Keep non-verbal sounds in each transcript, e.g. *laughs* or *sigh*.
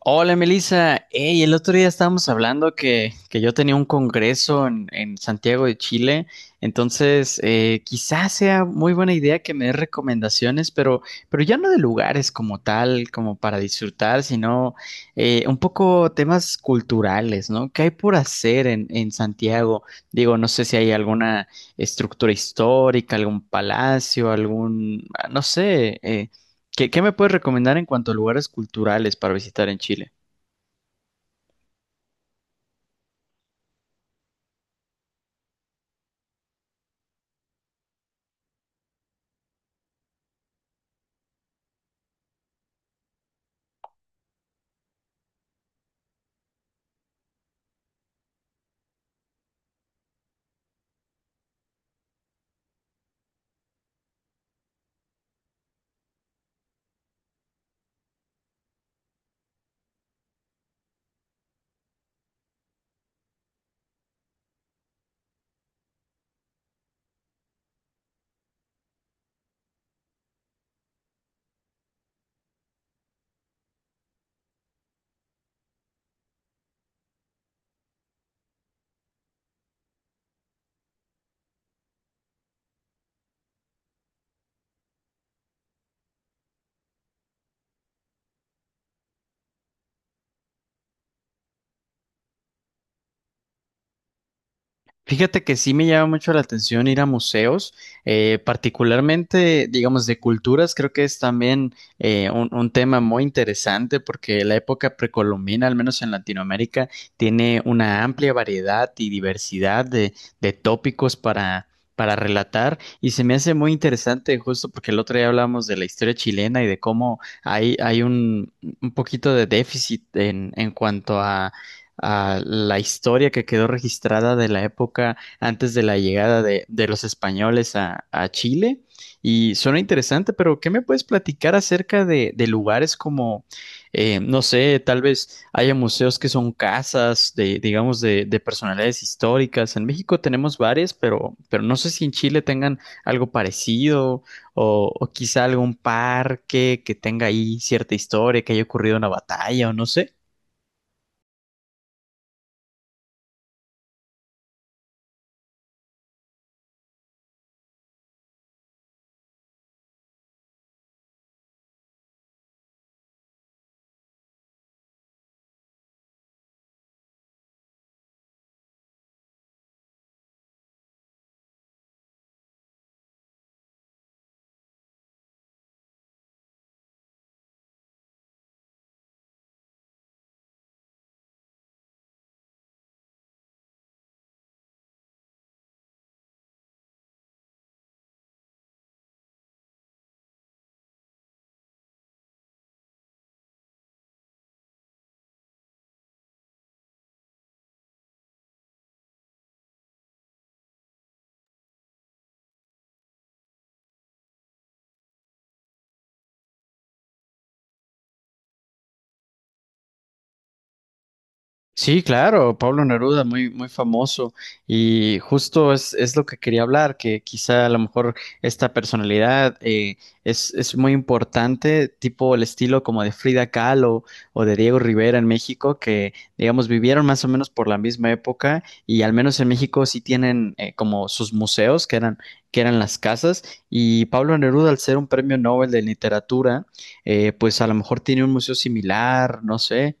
Hola Melissa. Ey, el otro día estábamos hablando que yo tenía un congreso en Santiago de Chile, entonces quizás sea muy buena idea que me des recomendaciones, pero ya no de lugares como tal, como para disfrutar, sino un poco temas culturales, ¿no? ¿Qué hay por hacer en Santiago? Digo, no sé si hay alguna estructura histórica, algún palacio, algún, ah, no sé, ¿qué me puedes recomendar en cuanto a lugares culturales para visitar en Chile? Fíjate que sí me llama mucho la atención ir a museos, particularmente, digamos, de culturas. Creo que es también un tema muy interesante porque la época precolombina, al menos en Latinoamérica, tiene una amplia variedad y diversidad de tópicos para relatar. Y se me hace muy interesante justo porque el otro día hablamos de la historia chilena y de cómo hay un poquito de déficit en cuanto a la historia que quedó registrada de la época antes de la llegada de los españoles a Chile. Y suena interesante, pero ¿qué me puedes platicar acerca de lugares como, no sé, tal vez haya museos que son casas de, digamos, de personalidades históricas? En México tenemos varias, pero no sé si en Chile tengan algo parecido o quizá algún parque que tenga ahí cierta historia, que haya ocurrido una batalla o no sé. Sí, claro, Pablo Neruda, muy, muy famoso. Y justo es lo que quería hablar, que quizá a lo mejor esta personalidad es muy importante, tipo el estilo como de Frida Kahlo o de Diego Rivera en México, que digamos vivieron más o menos por la misma época y al menos en México sí tienen como sus museos, que eran las casas. Y Pablo Neruda, al ser un premio Nobel de literatura, pues a lo mejor tiene un museo similar, no sé.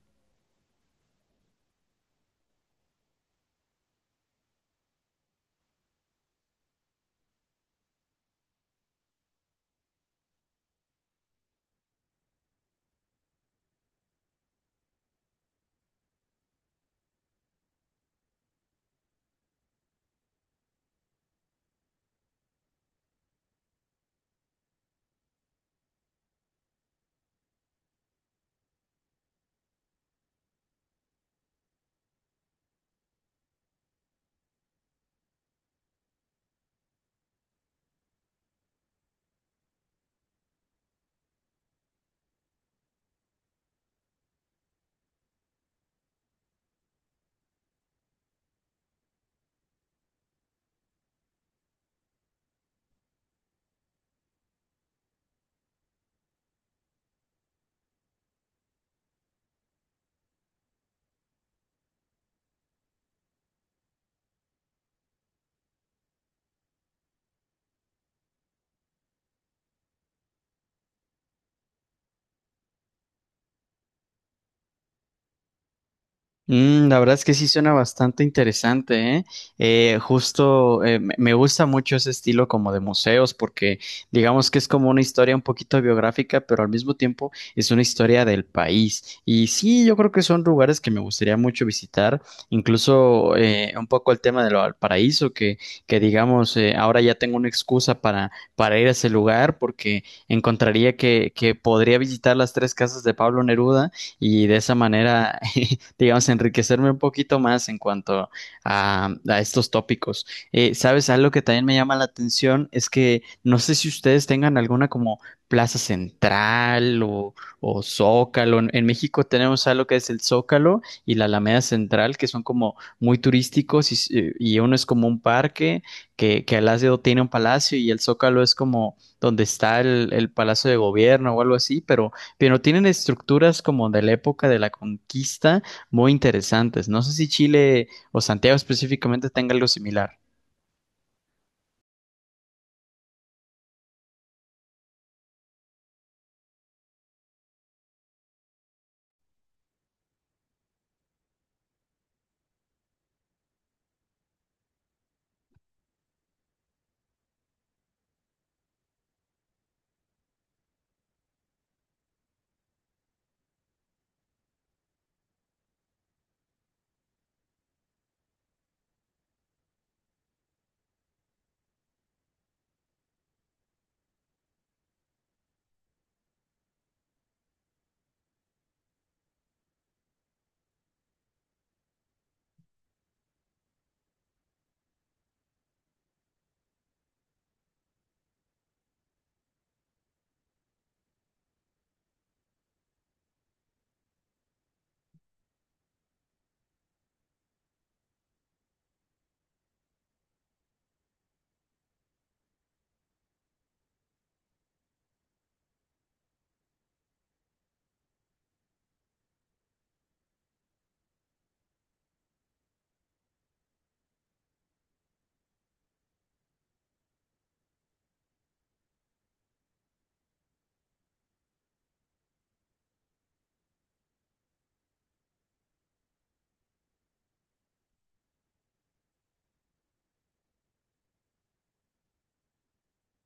Mm, la verdad es que sí suena bastante interesante, ¿eh? Justo me gusta mucho ese estilo como de museos porque digamos que es como una historia un poquito biográfica, pero al mismo tiempo es una historia del país. Y sí, yo creo que son lugares que me gustaría mucho visitar, incluso un poco el tema de lo del paraíso, que digamos, ahora ya tengo una excusa para ir a ese lugar porque encontraría que podría visitar las tres casas de Pablo Neruda y de esa manera *laughs* digamos, enriquecerme un poquito más en cuanto a estos tópicos. ¿Sabes? Algo que también me llama la atención es que no sé si ustedes tengan alguna como Plaza Central o Zócalo. En México tenemos algo que es el Zócalo y la Alameda Central, que son como muy turísticos y uno es como un parque que al lado tiene un palacio y el Zócalo es como donde está el Palacio de Gobierno o algo así, pero tienen estructuras como de la época de la conquista muy interesantes. No sé si Chile o Santiago específicamente tenga algo similar.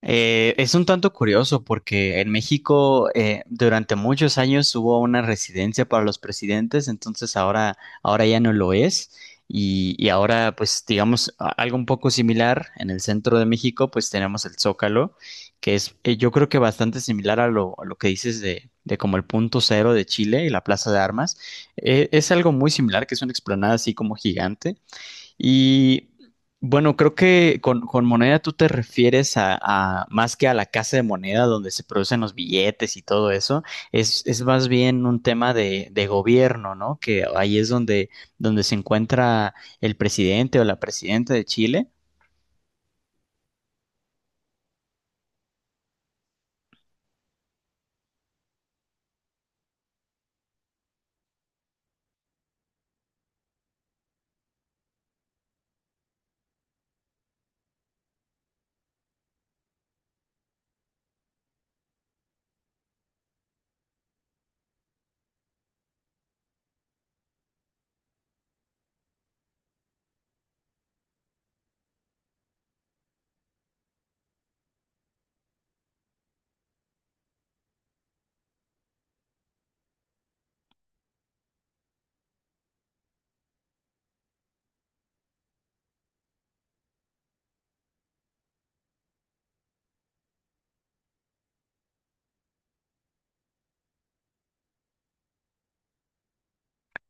Es un tanto curioso porque en México durante muchos años hubo una residencia para los presidentes, entonces ahora ya no lo es. Y ahora, pues, digamos, a- algo un poco similar en el centro de México, pues tenemos el Zócalo, que es, yo creo que bastante similar a lo que dices de como el punto cero de Chile y la Plaza de Armas. Es algo muy similar, que es una explanada así como gigante. Y bueno, creo que con moneda tú te refieres a- más que a la casa de moneda donde se producen los billetes y todo eso, es más bien un tema de gobierno, ¿no? Que ahí es donde se encuentra el presidente o la presidenta de Chile.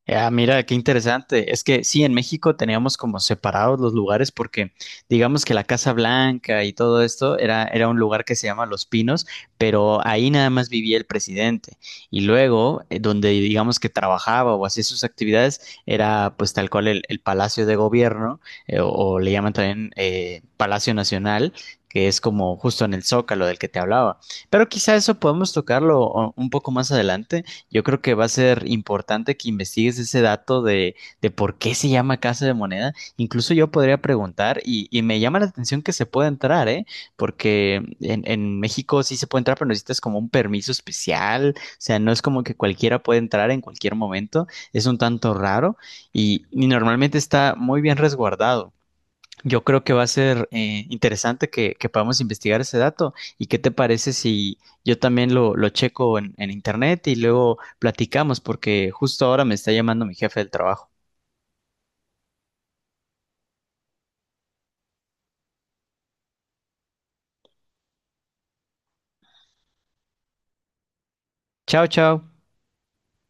Ah, mira, qué interesante. Es que sí, en México teníamos como separados los lugares porque digamos que la Casa Blanca y todo esto era un lugar que se llama Los Pinos, pero ahí nada más vivía el presidente. Y luego, donde digamos que trabajaba o hacía sus actividades, era pues tal cual el Palacio de Gobierno, o le llaman también Palacio Nacional, que es como justo en el Zócalo del que te hablaba. Pero quizá eso podemos tocarlo o- un poco más adelante. Yo creo que va a ser importante que investigues ese dato de por qué se llama Casa de Moneda. Incluso yo podría preguntar y me llama la atención que se pueda entrar, ¿eh? Porque en México sí se puede entrar, pero necesitas como un permiso especial. O sea, no es como que cualquiera puede entrar en cualquier momento. Es un tanto raro y normalmente está muy bien resguardado. Yo creo que va a ser interesante que podamos investigar ese dato. ¿Y qué te parece si yo también lo checo en internet y luego platicamos? Porque justo ahora me está llamando mi jefe del trabajo. Chao, chao.